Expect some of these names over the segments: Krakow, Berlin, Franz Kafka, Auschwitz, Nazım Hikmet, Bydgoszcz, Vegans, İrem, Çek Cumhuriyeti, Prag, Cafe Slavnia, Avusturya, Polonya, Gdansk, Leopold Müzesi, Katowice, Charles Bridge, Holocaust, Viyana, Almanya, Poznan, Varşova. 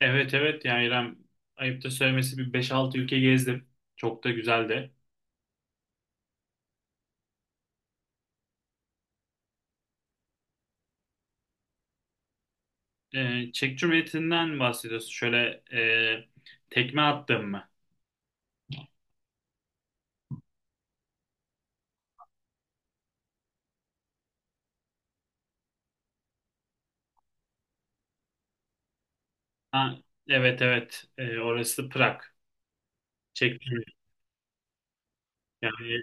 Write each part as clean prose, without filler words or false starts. Evet, evet, yani İrem, ayıp da söylemesi bir beş altı ülke gezdim. Çok da güzeldi. Çek Cumhuriyeti'nden bahsediyorsun. Şöyle, tekme attım mı? Ha, evet, evet. Orası Prag. Çek Cumhuriyeti. Yani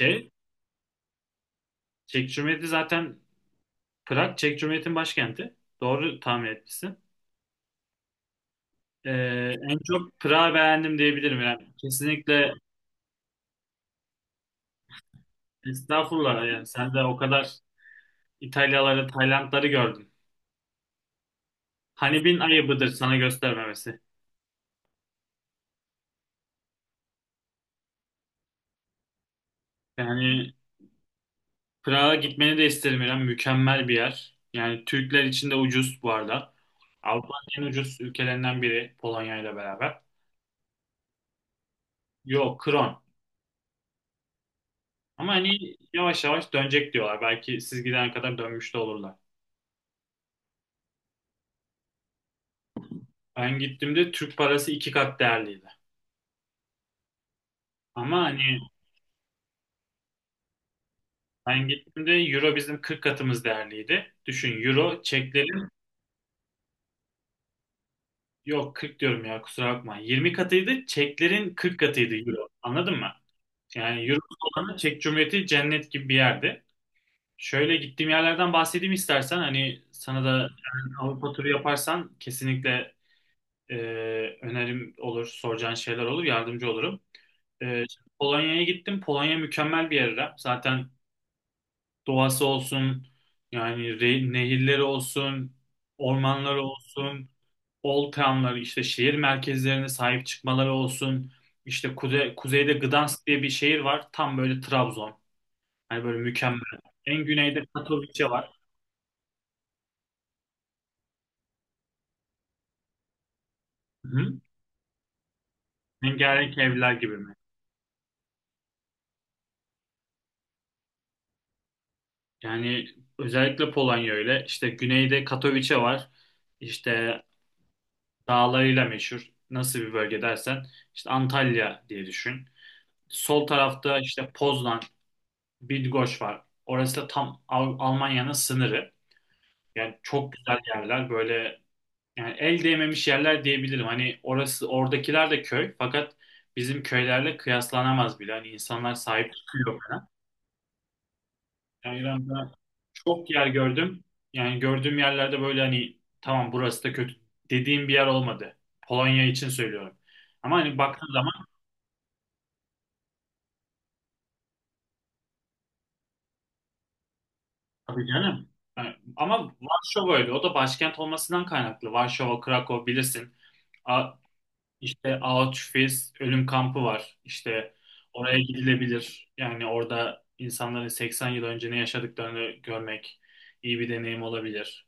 şey, Çek Cumhuriyeti zaten Prag, Çek Cumhuriyeti'nin başkenti. Doğru tahmin etmişsin. En çok Prag'ı beğendim diyebilirim. Yani kesinlikle. Estağfurullah, yani sen de o kadar İtalyaları, Taylandları gördün. Hani bin ayıbıdır sana göstermemesi. Yani Prag'a gitmeni de isterim İrem. Mükemmel bir yer. Yani Türkler için de ucuz bu arada. Avrupa'nın en ucuz ülkelerinden biri Polonya ile beraber. Yok, kron. Ama hani yavaş yavaş dönecek diyorlar. Belki siz gidene kadar dönmüş de olurlar. Ben gittiğimde Türk parası iki kat değerliydi. Ama hani ben gittiğimde Euro bizim 40 katımız değerliydi. Düşün, Euro çeklerin, yok 40 diyorum ya, kusura bakma. 20 katıydı çeklerin, 40 katıydı Euro. Anladın mı? Yani yurt olanı Çek Cumhuriyeti cennet gibi bir yerdi. Şöyle gittiğim yerlerden bahsedeyim istersen. Hani sana da yani Avrupa turu yaparsan kesinlikle e, önerim olur, soracağın şeyler olur, yardımcı olurum. Şimdi Polonya'ya gittim. Polonya mükemmel bir yer, İrem. Zaten doğası olsun, yani nehirleri olsun, ormanları olsun, old town'ları, işte şehir merkezlerine sahip çıkmaları olsun. İşte kuzeyde Gdansk diye bir şehir var. Tam böyle Trabzon. Yani böyle mükemmel. En güneyde Katowice var. Hı hı. Rengarenk evler gibi mi? Yani özellikle Polonya öyle. İşte güneyde Katowice var. İşte dağlarıyla meşhur. Nasıl bir bölge dersen, işte Antalya diye düşün. Sol tarafta işte Poznan, Bydgoszcz var. Orası da tam Almanya'nın sınırı. Yani çok güzel yerler. Böyle, yani el değmemiş yerler diyebilirim. Hani orası, oradakiler de köy, fakat bizim köylerle kıyaslanamaz bile. Hani insanlar sahip çıkıyor bana. Yani İran'da çok yer gördüm. Yani gördüğüm yerlerde böyle hani, tamam burası da kötü dediğim bir yer olmadı. Polonya için söylüyorum. Ama hani baktığın zaman, tabii canım. Yani ama Varşova öyle. O da başkent olmasından kaynaklı. Varşova, Krakow bilirsin. A- İşte Auschwitz ölüm kampı var. İşte oraya gidilebilir. Yani orada insanların 80 yıl önce ne yaşadıklarını görmek iyi bir deneyim olabilir.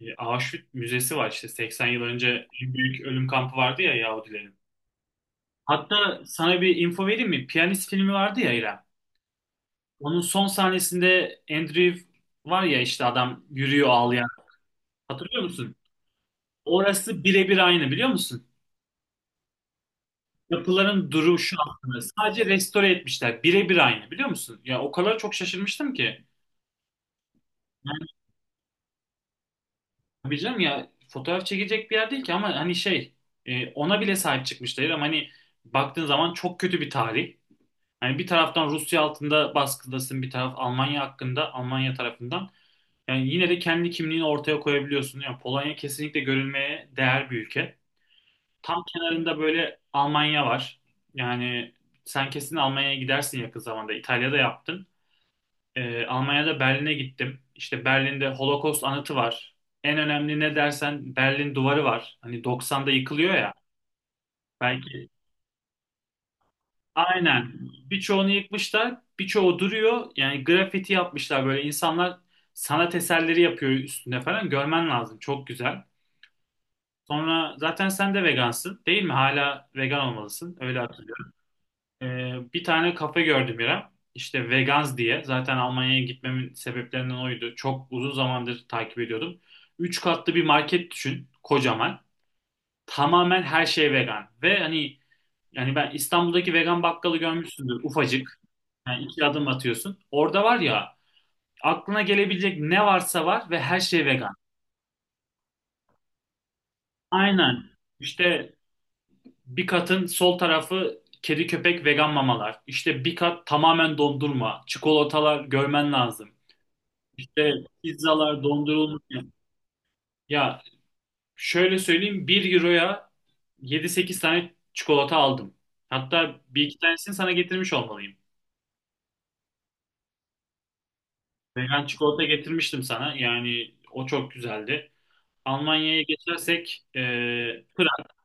Auschwitz Müzesi var, işte 80 yıl önce en büyük ölüm kampı vardı ya Yahudilerin. Hatta sana bir info vereyim mi? Piyanist filmi vardı ya İrem. Onun son sahnesinde Andrew var ya, işte adam yürüyor ağlayan. Hatırlıyor musun? Orası birebir aynı, biliyor musun? Yapıların duruşu aslında. Sadece restore etmişler. Birebir aynı, biliyor musun? Ya o kadar çok şaşırmıştım ki. Yani tabii canım ya, fotoğraf çekecek bir yer değil ki, ama hani şey, ona bile sahip çıkmışlar. Ama hani baktığın zaman çok kötü bir tarih. Hani bir taraftan Rusya altında baskıdasın, bir taraf Almanya hakkında, Almanya tarafından. Yani yine de kendi kimliğini ortaya koyabiliyorsun. Yani Polonya kesinlikle görülmeye değer bir ülke. Tam kenarında böyle Almanya var. Yani sen kesin Almanya'ya gidersin yakın zamanda. İtalya'da yaptın. Almanya'da Berlin'e gittim. İşte Berlin'de Holocaust anıtı var. En önemli ne dersen, Berlin duvarı var. Hani 90'da yıkılıyor ya. Belki aynen. Birçoğunu yıkmışlar, birçoğu duruyor. Yani grafiti yapmışlar, böyle insanlar sanat eserleri yapıyor üstünde falan. Görmen lazım. Çok güzel. Sonra zaten sen de vegansın, değil mi? Hala vegan olmalısın. Öyle. Bir tane kafe gördüm İrem. İşte Vegans diye. Zaten Almanya'ya gitmemin sebeplerinden oydu. Çok uzun zamandır takip ediyordum. Üç katlı bir market düşün. Kocaman. Tamamen her şey vegan. Ve hani yani ben, İstanbul'daki vegan bakkalı görmüşsündür. Ufacık. Yani iki adım atıyorsun. Orada var ya, aklına gelebilecek ne varsa var ve her şey vegan. Aynen. İşte bir katın sol tarafı kedi köpek vegan mamalar. İşte bir kat tamamen dondurma. Çikolatalar, görmen lazım. İşte pizzalar dondurulmuş. Ya şöyle söyleyeyim, bir euroya yedi sekiz tane çikolata aldım. Hatta bir iki tanesini sana getirmiş olmalıyım. Vegan çikolata getirmiştim sana. Yani o çok güzeldi. Almanya'ya geçersek, Prag.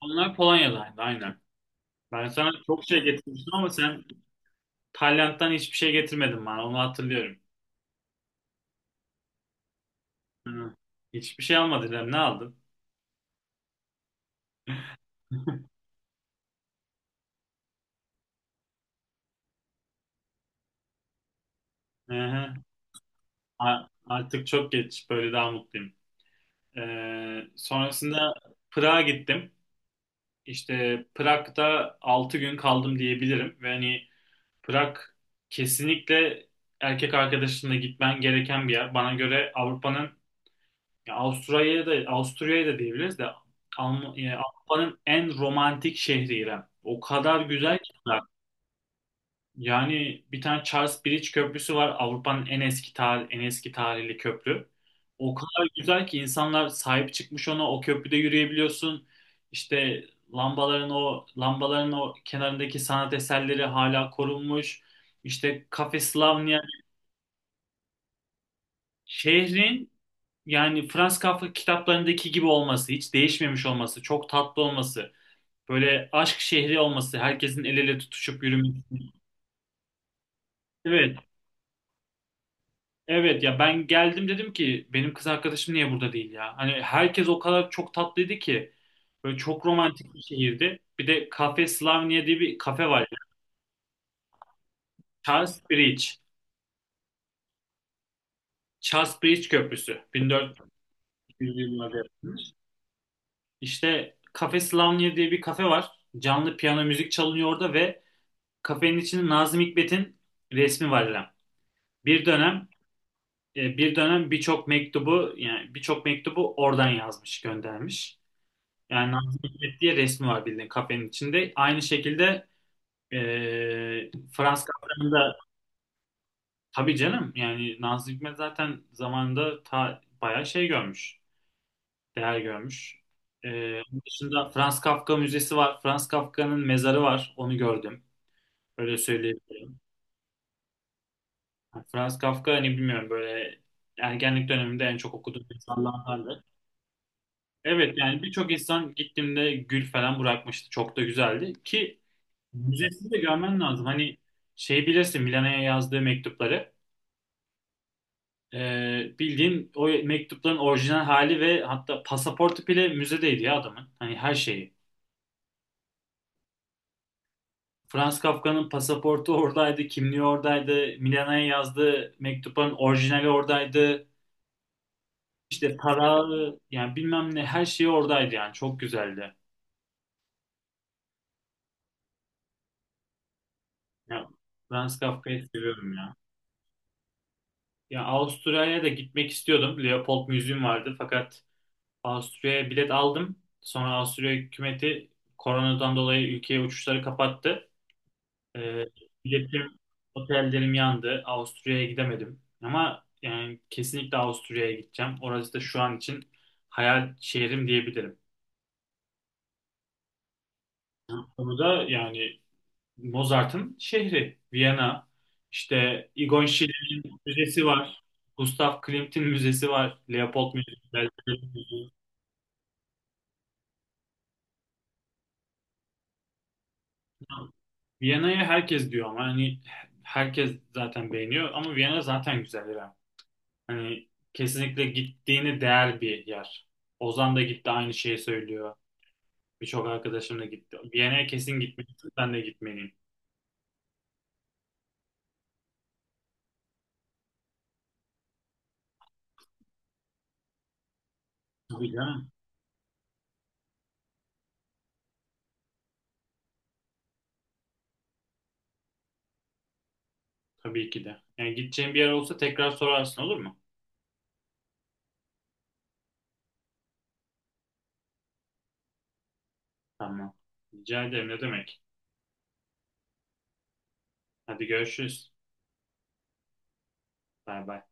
Onlar Polonya'daydı aynen. Ben sana çok şey getirmiştim ama sen Tayland'dan hiçbir şey getirmedin bana. Onu hatırlıyorum. Hı. Hiçbir şey almadın. Ne aldın? Hı hı. Artık çok geç. Böyle daha mutluyum. Sonrasında Prag'a gittim. İşte Prag'da 6 gün kaldım diyebilirim. Ve hani Prag kesinlikle erkek arkadaşınla gitmen gereken bir yer. Bana göre Avrupa'nın, ya Avusturya'ya da, Avusturya'ya da diyebiliriz de, Avrupa'nın en romantik şehri İrem. O kadar güzel ki. Yani bir tane Charles Bridge Köprüsü var. Avrupa'nın en eski tarih, en eski tarihli köprü. O kadar güzel ki insanlar sahip çıkmış ona. O köprüde yürüyebiliyorsun. İşte o lambaların, o kenarındaki sanat eserleri hala korunmuş. İşte Cafe Slavnia, şehrin, yani Franz Kafka kitaplarındaki gibi olması, hiç değişmemiş olması, çok tatlı olması, böyle aşk şehri olması, herkesin el ele tutuşup yürümesi. Evet, evet ya, ben geldim dedim ki benim kız arkadaşım niye burada değil ya? Hani herkes o kadar çok tatlıydı ki. Böyle çok romantik bir şehirdi. Bir de Cafe Slavnia diye bir kafe var. Charles Bridge. Charles Bridge Köprüsü. 1400 yıllarda yapılmış. İşte Cafe Slavnia diye bir kafe var. Canlı piyano müzik çalınıyor orada ve kafenin içinde Nazım Hikmet'in resmi var İrem. Bir dönem, birçok mektubu, yani birçok mektubu oradan yazmış, göndermiş. Yani Nazım Hikmet diye resmi var bildiğin kafenin içinde. Aynı şekilde e, Frans Kafka'nın da, tabii canım, yani Nazım Hikmet zaten zamanında ta, bayağı şey görmüş. Değer görmüş. E, onun dışında Frans Kafka Müzesi var. Frans Kafka'nın mezarı var. Onu gördüm. Öyle söyleyebilirim. Yani Frans Kafka, hani bilmiyorum, böyle ergenlik döneminde en çok okuduğum insanlardandı. Evet, yani birçok insan gittiğimde gül falan bırakmıştı. Çok da güzeldi ki müzesini de görmen lazım. Hani şey, bilirsin, Milano'ya yazdığı mektupları. Bildiğin o mektupların orijinal hali ve hatta pasaportu bile müzedeydi ya adamın. Hani her şeyi. Franz Kafka'nın pasaportu oradaydı, kimliği oradaydı, Milano'ya yazdığı mektupların orijinali oradaydı. İşte para, yani bilmem ne, her şey oradaydı, yani çok güzeldi. Ya, Franz Kafka'yı seviyorum ya. Ya Avusturya'ya da gitmek istiyordum. Leopold Müziğim vardı fakat Avusturya'ya bilet aldım. Sonra Avusturya hükümeti koronadan dolayı ülkeye uçuşları kapattı. Ee, biletim, otellerim yandı. Avusturya'ya gidemedim. Ama yani kesinlikle Avusturya'ya gideceğim. Orası da şu an için hayal şehrim diyebilirim. Bunu da yani, Mozart'ın şehri Viyana. İşte Egon Schiller'in müzesi var. Gustav Klimt'in müzesi var. Leopold Müzesi. Viyana'ya herkes diyor ama hani herkes zaten beğeniyor, ama Viyana zaten güzel İrem. Hani kesinlikle gittiğini değer bir yer. Ozan da gitti, aynı şeyi söylüyor. Birçok arkadaşım da gitti. Viyana'ya kesin gitmelisin, sen de gitmeliyim. Tabii canım. Tabii ki de. Yani gideceğin bir yer olsa tekrar sorarsın, olur mu? Tamam. Rica ederim, ne demek. Hadi görüşürüz. Bay bay.